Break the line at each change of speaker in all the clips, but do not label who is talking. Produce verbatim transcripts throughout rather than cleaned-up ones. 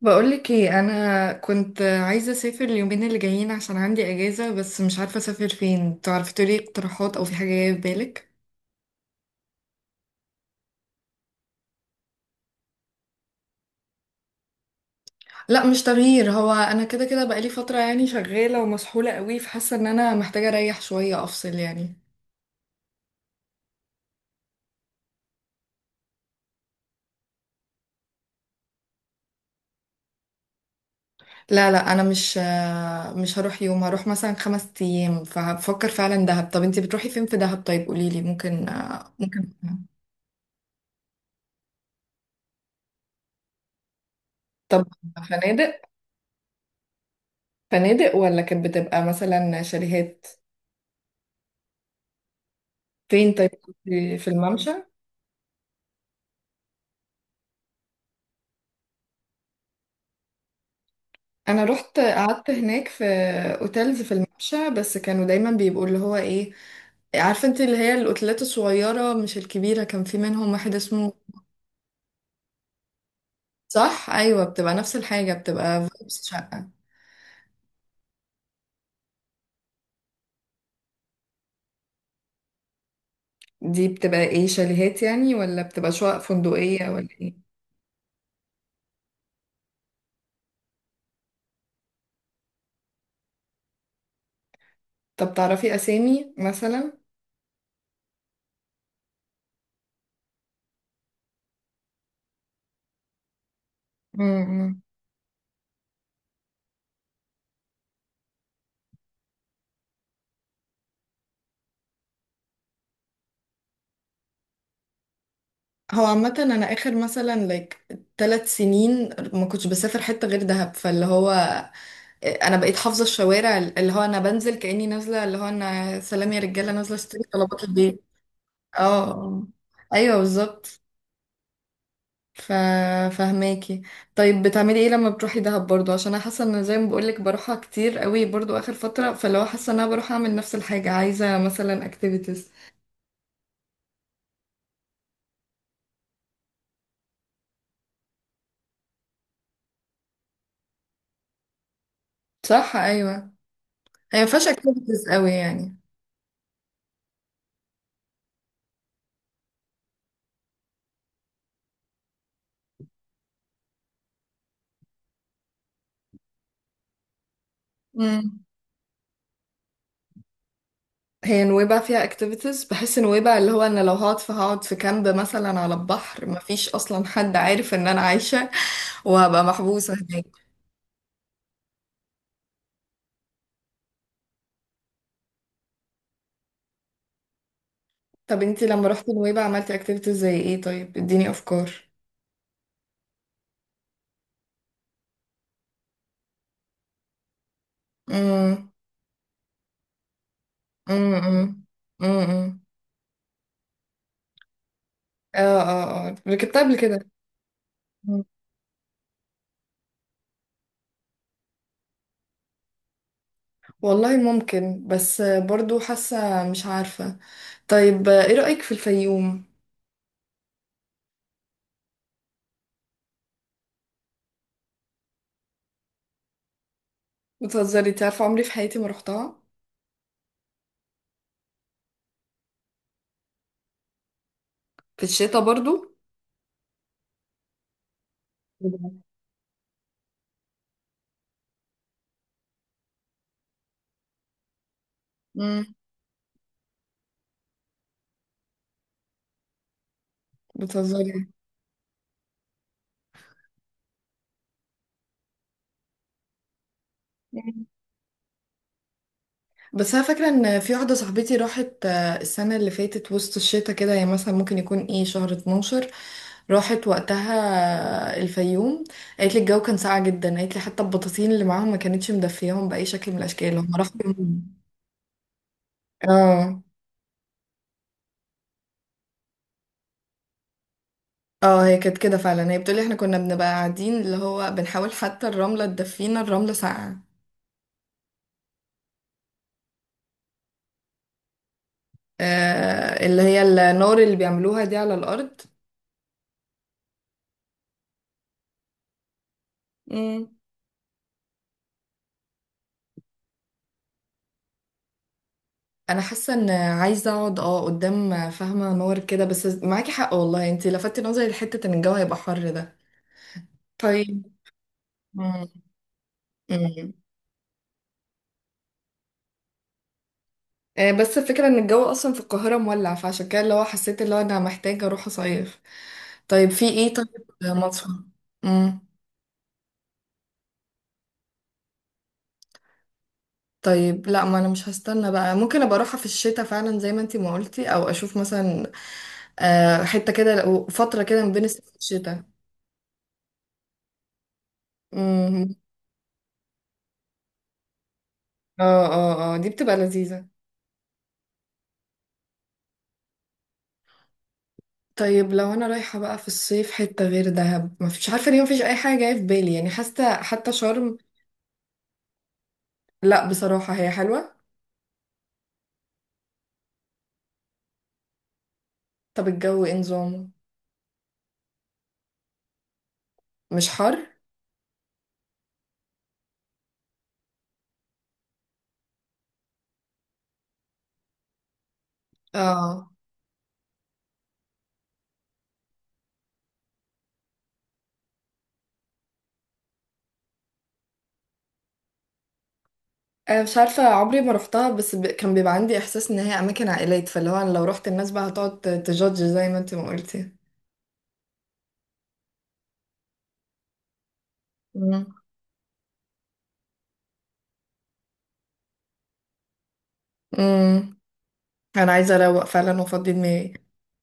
بقولك ايه، انا كنت عايزه اسافر اليومين اللي جايين عشان عندي اجازه، بس مش عارفه اسافر فين. تعرفي تقولي اقتراحات او في حاجه جايه في بالك؟ لا مش تغيير، هو انا كده كده بقالي فتره يعني شغاله ومسحوله قوي، فحاسه ان انا محتاجه اريح شويه افصل يعني. لا لا، انا مش مش هروح يوم، هروح مثلا خمس ايام. فبفكر فعلا دهب. طب انتي بتروحي فين في دهب؟ طيب قوليلي ممكن ممكن. طب، فنادق؟ فنادق ولا كانت بتبقى مثلا شاليهات؟ فين طيب؟ في في الممشى. انا رحت قعدت هناك في اوتيلز في الممشى، بس كانوا دايما بيبقوا اللي هو ايه، عارفه انت، اللي هي الاوتيلات الصغيره مش الكبيره. كان في منهم واحد اسمه، صح، ايوه، بتبقى نفس الحاجه، بتبقى فايبس شقه. دي بتبقى ايه، شاليهات يعني ولا بتبقى شقق فندقيه ولا ايه؟ طب تعرفي اسامي مثلا؟ امم. هو عامه انا اخر مثلا لايك ثلاث سنين ما كنتش بسافر حته غير دهب، فاللي هو انا بقيت حافظه الشوارع، اللي هو انا بنزل كاني نازله، اللي هو انا سلام يا رجاله، نازله اشتري طلبات البيت. اه. آه. ايوه بالظبط. ف فهماكي. طيب بتعملي ايه لما بتروحي دهب برضو؟ عشان انا حاسه ان زي ما بقولك بروحها كتير قوي برضو اخر فتره، فاللي هو حاسه ان انا بروح اعمل نفس الحاجه. عايزه مثلا اكتيفيتيز. صح، ايوه. هي ما فيهاش اكتيفيتيز قوي يعني. مم. هي نويبع فيها اكتيفيتيز؟ بحس نويبع اللي هو انا لو هقعد فهقعد في كامب مثلا على البحر مفيش اصلا حد عارف ان انا عايشة. وهبقى محبوسة هناك. طب انتي لما رحتي نويبع عملتي اكتيفيتيز زي ايه؟ طيب اديني افكار. امم. امم. امم. اه، اه، اه، ركبتها قبل كده. مم. والله ممكن، بس برضو حاسة مش عارفة. طيب ايه رأيك في الفيوم؟ بتهزري؟ انتي عارفة عمري في حياتي ما رحتها. في الشتاء برضو؟ بجد؟ مم. بتهزري؟ بس انا فاكره ان في واحده صاحبتي راحت آه، السنه اللي فاتت، وسط الشتاء كده. هي مثلا ممكن يكون ايه، شهر اتناشر. راحت وقتها آه، الفيوم. قالت لي الجو كان ساقع جدا. قالت لي حتى البطاطين اللي معاهم ما كانتش مدفياهم باي شكل من الاشكال. هم راحوا يوم- اه. اه، هي كانت كده فعلا. هي بتقولي احنا كنا بنبقى قاعدين اللي هو بنحاول حتى الرمله تدفينا، الرمله ساقعه. آه اللي هي النار اللي بيعملوها دي على الارض. مم. انا حاسه ان عايزه اقعد اه قدام فاهمه نور كده. بس معاكي حق والله، انتي لفتي نظري لحته ان الجو هيبقى حر ده. طيب. مم. مم. آه، بس الفكره ان الجو اصلا في القاهره مولع، فعشان كده اللي هو حسيت اللي هو انا محتاجه اروح اصيف. طيب في ايه طيب؟ مصر. امم. طيب لا، ما انا مش هستنى بقى. ممكن ابقى اروحها في الشتاء فعلا زي ما انتي ما قلتي، او اشوف مثلا، آه، حته كده فتره كده ما بين الصيف والشتاء. امم. اه، اه، اه، دي بتبقى لذيذه. طيب لو انا رايحه بقى في الصيف حته غير دهب، مفيش عارفه ليه مفيش اي حاجه جايه في بالي يعني. حاسه حتى شرم. لا بصراحه هي حلوه. طب الجو ايه نظامه؟ مش حر؟ اه. انا مش عارفه عمري ما روحتها، بس ب... كان بيبقى عندي احساس ان هي اماكن عائلات، فاللي هو أنا لو روحت الناس بقى هتقعد ت- تجادج زي ما انت ما قلتي. مم. مم. انا عايزه اروق فعلا وافضي دماغي.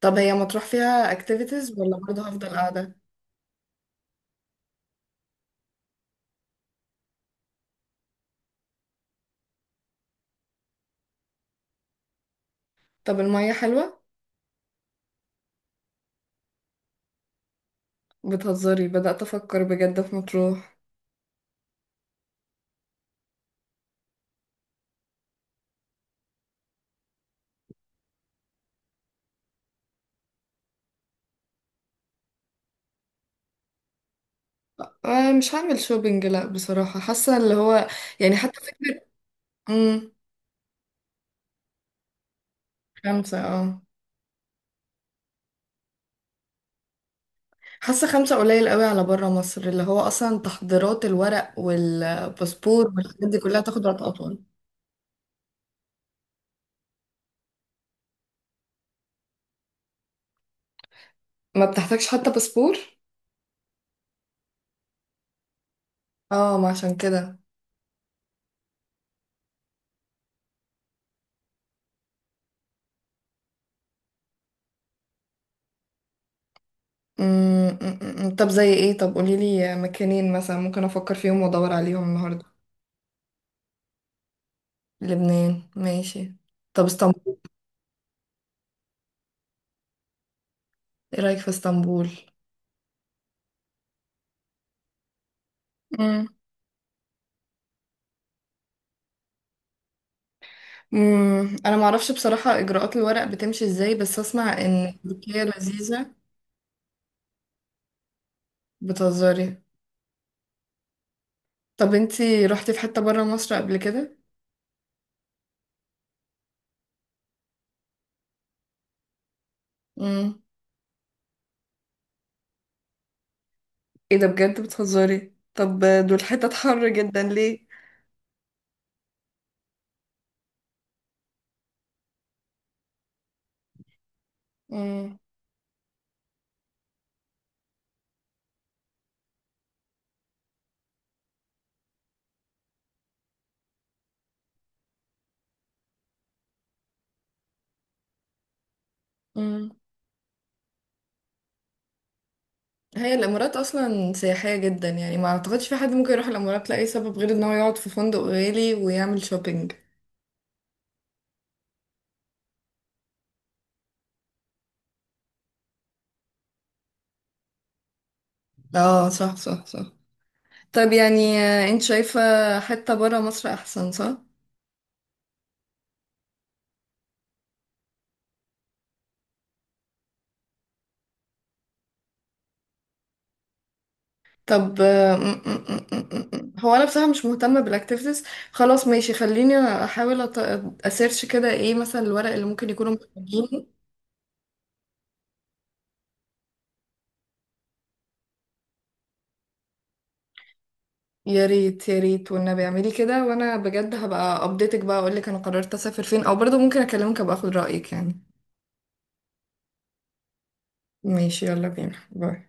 طب هي مطروح فيها اكتيفيتيز ولا برضه هفضل قاعده؟ طب الميه حلوه؟ بتهزري؟ بدات افكر بجد في مطروح. آه، مش هعمل شوبينج لا بصراحة، حاسة اللي هو يعني حتى فكرة. امم. خمسة اه. حاسة خمسة قليل قوي على برا مصر، اللي هو أصلا تحضيرات الورق والباسبور والحاجات دي كلها تاخد وقت أطول. ما بتحتاجش حتى باسبور؟ اه، ما عشان كده. أمم، أمم، أمم. طب زي ايه طب، قوليلي مكانين مثلا ممكن أفكر فيهم وأدور عليهم النهاردة. لبنان ماشي. طب اسطنبول؟ ايه رأيك في اسطنبول؟ امم، انا ما اعرفش بصراحة اجراءات الورق بتمشي ازاي، بس اسمع ان تركيا لذيذة. بتهزري؟ طب انتي رحتي في حتة برا مصر قبل كده؟ امم. ايه ده بجد؟ بتهزري؟ طب دول حتت حر جدا ليه؟ امم. امم. هي الامارات اصلا سياحية جدا، يعني ما اعتقدش في حد ممكن يروح الامارات لاي سبب غير ان هو يقعد في فندق غالي ويعمل شوبينج. اه، صح، صح، صح. طب يعني آه، انت شايفة حتة برا مصر احسن صح؟ طب آه، م- م- م- م- م. هو انا بصراحه مش مهتمه بالاكتيفيتيز. خلاص ماشي، خليني احاول أط- اسيرش كده ايه مثلا الورق اللي ممكن يكونوا محتاجينه. يا ريت يا ريت والنبي اعملي كده، وانا بجد هبقى ابديتك بقى اقول لك انا قررت اسافر فين، او برضه ممكن اكلمك ابقى اخد رايك يعني. ماشي، يلا بينا، باي.